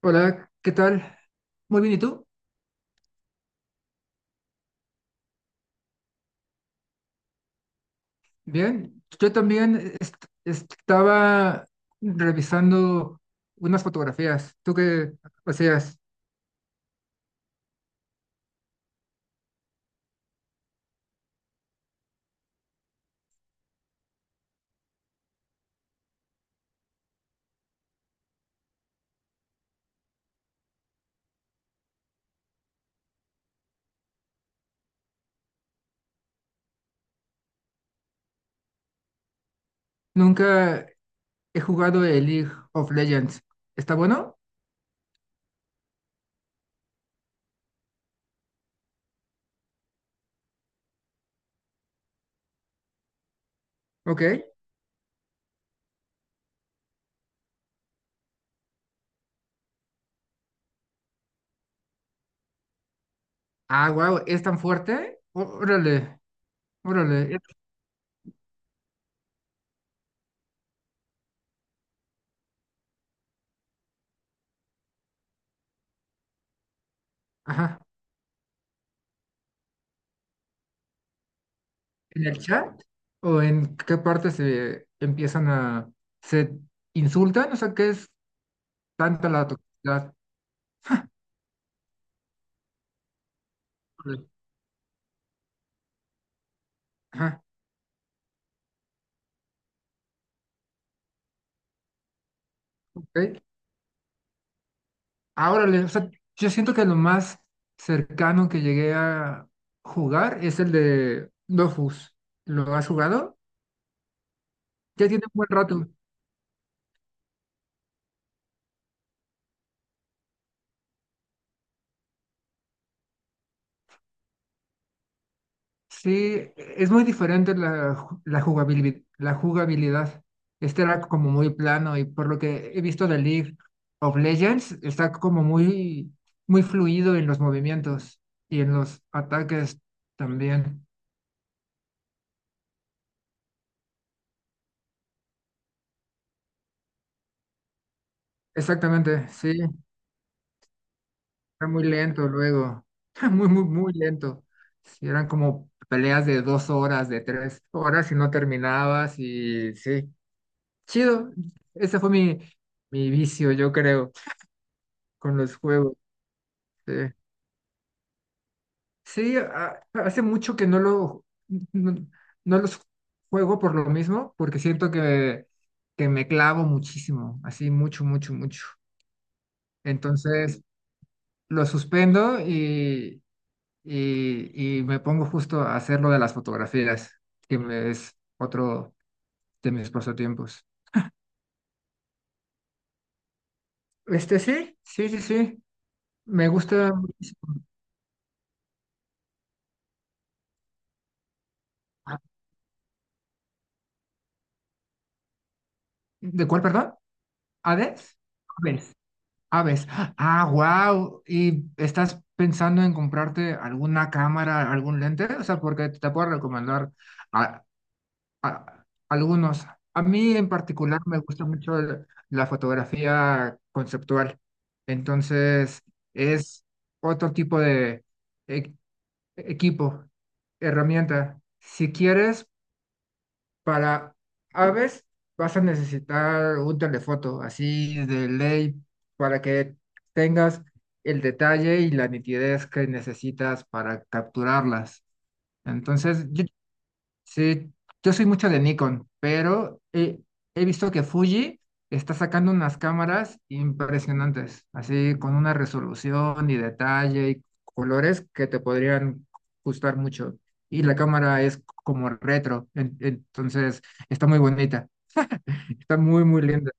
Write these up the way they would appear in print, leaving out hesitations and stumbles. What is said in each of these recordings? Hola, ¿qué tal? Muy bien, ¿y tú? Bien. Yo también estaba revisando unas fotografías. ¿Tú qué hacías? Nunca he jugado el League of Legends. ¿Está bueno? Ok. Ah, wow, ¿es tan fuerte? Órale, órale. Ajá. ¿En el chat? ¿O en qué parte se insultan? O sea, ¿qué es tanta la toxicidad? Órale. Ajá, ok. Ahora, o sea, yo siento que lo más cercano que llegué a jugar es el de Dofus. ¿Lo has jugado? Ya tiene un buen rato. Sí, es muy diferente la jugabilidad, la jugabilidad. Este era como muy plano y por lo que he visto de League of Legends, está como muy, muy fluido en los movimientos y en los ataques también. Exactamente, sí. Era muy lento luego, muy, muy, muy lento. Sí, eran como peleas de 2 horas, de 3 horas y no terminabas y sí, chido. Ese fue mi vicio, yo creo, con los juegos. Sí, sí, hace mucho que no, no los juego por lo mismo, porque siento que me clavo muchísimo, así mucho, mucho, mucho. Entonces, lo suspendo y me pongo justo a hacer lo de las fotografías, que es otro de mis pasatiempos. Este sí, sí, sí, sí. Me gusta muchísimo. Ah, ¿de cuál, perdón? ¿Aves? Aves. Aves. Ah, wow. ¿Y estás pensando en comprarte alguna cámara, algún lente? O sea, porque te puedo recomendar a- algunos. A mí en particular me gusta mucho la fotografía conceptual. Entonces, es otro tipo de e- equipo, herramienta. Si quieres, para aves vas a necesitar un telefoto, así de ley, para que tengas el detalle y la nitidez que necesitas para capturarlas. Entonces, sí, yo soy mucho de Nikon, pero he visto que Fuji está sacando unas cámaras impresionantes, así con una resolución y detalle y colores que te podrían gustar mucho. Y la cámara es como retro, entonces está muy bonita, está muy, muy linda.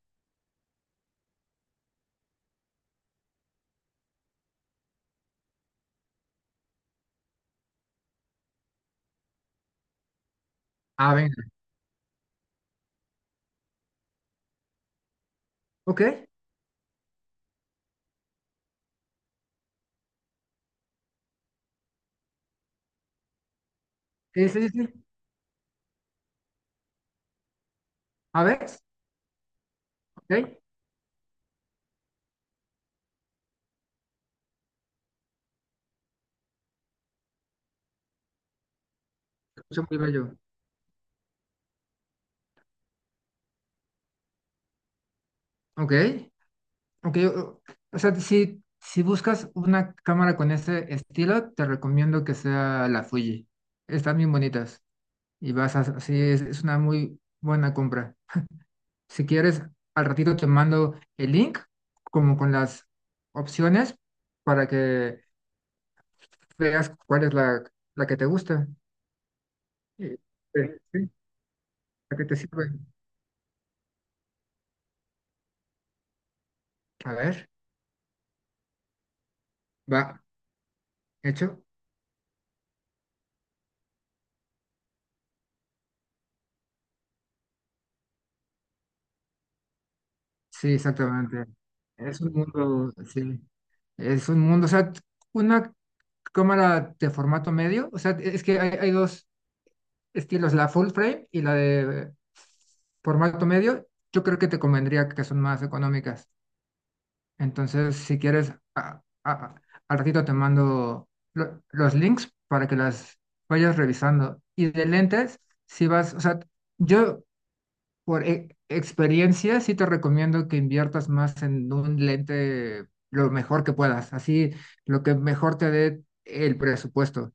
Ah, venga, ok, sí, sí, sí. A ver, ok, se escucha muy bello, ok. Ok, o sea, si buscas una cámara con ese estilo, te recomiendo que sea la Fuji. Están bien bonitas y sí, es una muy buena compra. Si quieres, al ratito te mando el link, como con las opciones, para que veas cuál es la que te gusta. Eh, sí, la que te sirve. A ver, va, hecho. Sí, exactamente. Es un mundo, sí, es un mundo, o sea, una cámara de formato medio, o sea, es que hay dos estilos, la full frame y la de formato medio, yo creo que te convendría que son más económicas. Entonces, si quieres, al ratito te mando los links para que las vayas revisando. Y de lentes, si vas, o sea, yo por experiencia sí te recomiendo que inviertas más en un lente lo mejor que puedas, así lo que mejor te dé el presupuesto.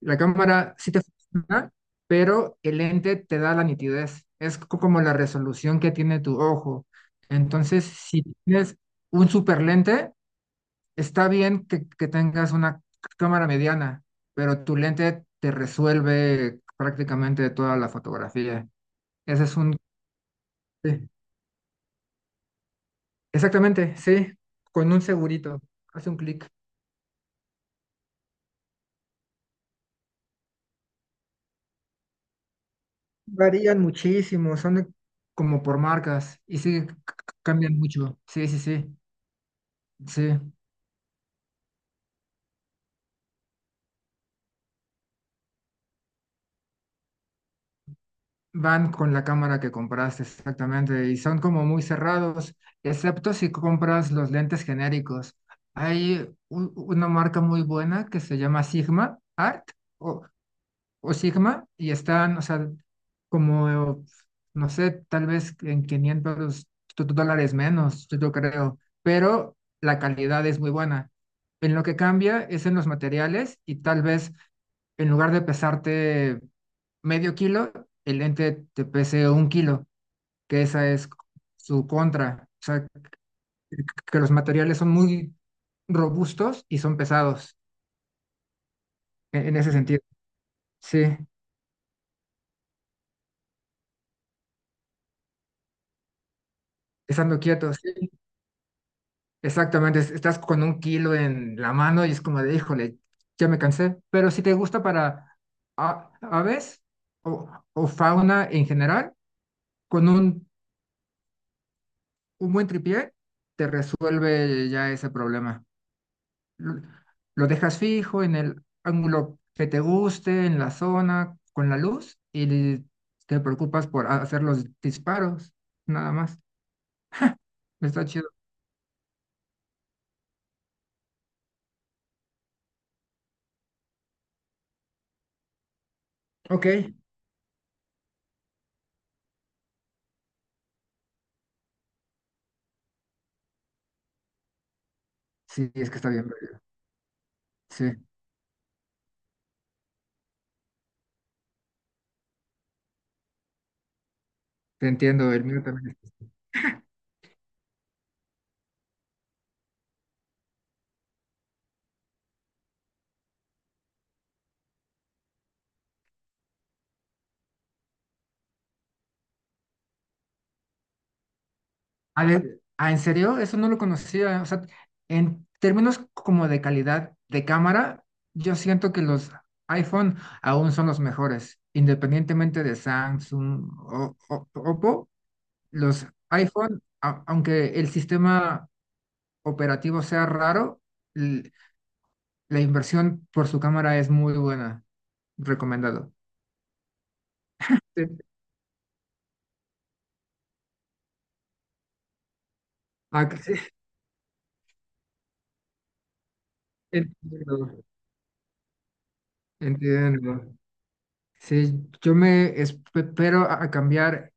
La cámara sí te funciona, pero el lente te da la nitidez. Es como la resolución que tiene tu ojo. Entonces, si tienes un super lente, está bien que tengas una cámara mediana, pero tu lente te resuelve prácticamente toda la fotografía. Ese es un... sí, exactamente, sí, con un segurito. Hace un clic. Varían muchísimo, como por marcas y sí, cambian mucho. Sí, sí, sí, sí. Van con la cámara que compraste, exactamente, y son como muy cerrados, excepto si compras los lentes genéricos. Hay una marca muy buena que se llama Sigma Art o, o Sigma y están, o sea, como, no sé, tal vez en 500 dólares menos, yo creo, pero la calidad es muy buena. En lo que cambia es en los materiales y tal vez en lugar de pesarte medio kilo, el ente te pese un kilo, que esa es su contra. O sea, que los materiales son muy robustos y son pesados en ese sentido. Sí, estando quietos, sí, exactamente. Estás con un kilo en la mano y es como de, híjole, ya me cansé. Pero si te gusta para aves o fauna en general, con un buen tripié, te resuelve ya ese problema. lo lo dejas fijo en el ángulo que te guste, en la zona, con la luz, y te preocupas por hacer los disparos, nada más. Está chido. Ok, sí, es que está bien verde. Sí, te entiendo, el mío también. A ver, ah, ¿en serio? Eso no lo conocía. O sea, en términos como de calidad de cámara, yo siento que los iPhone aún son los mejores, independientemente de Samsung Oppo. Los iPhone, aunque el sistema operativo sea raro, l- la inversión por su cámara es muy buena. Recomendado. Sí. Ah, que sí, entiendo, entiendo. Sí, yo me espero a cambiar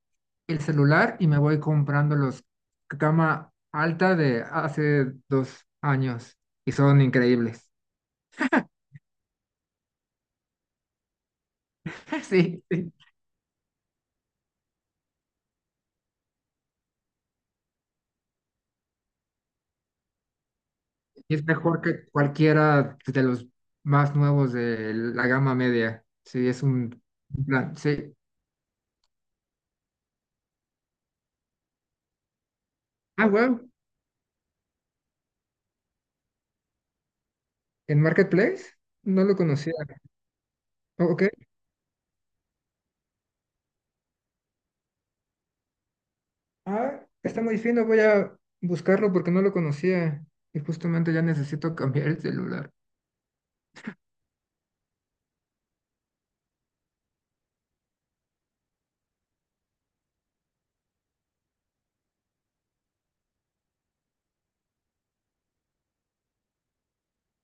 el celular y me voy comprando los cama alta de hace 2 años y son increíbles. Sí. Sí. Y es mejor que cualquiera de los más nuevos de la gama media. Sí, es un plan. Sí. Ah, wow. ¿En Marketplace? No lo conocía. Oh, ok. Ah, está muy fino. Voy a buscarlo porque no lo conocía. Y justamente ya necesito cambiar el celular.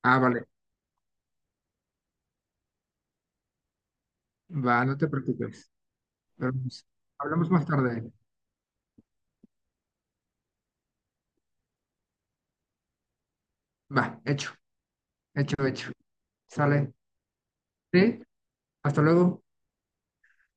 Ah, vale. Va, no te preocupes. Pero, pues, hablamos más tarde. Va, hecho. Hecho, hecho. Sale. Sí. Hasta luego.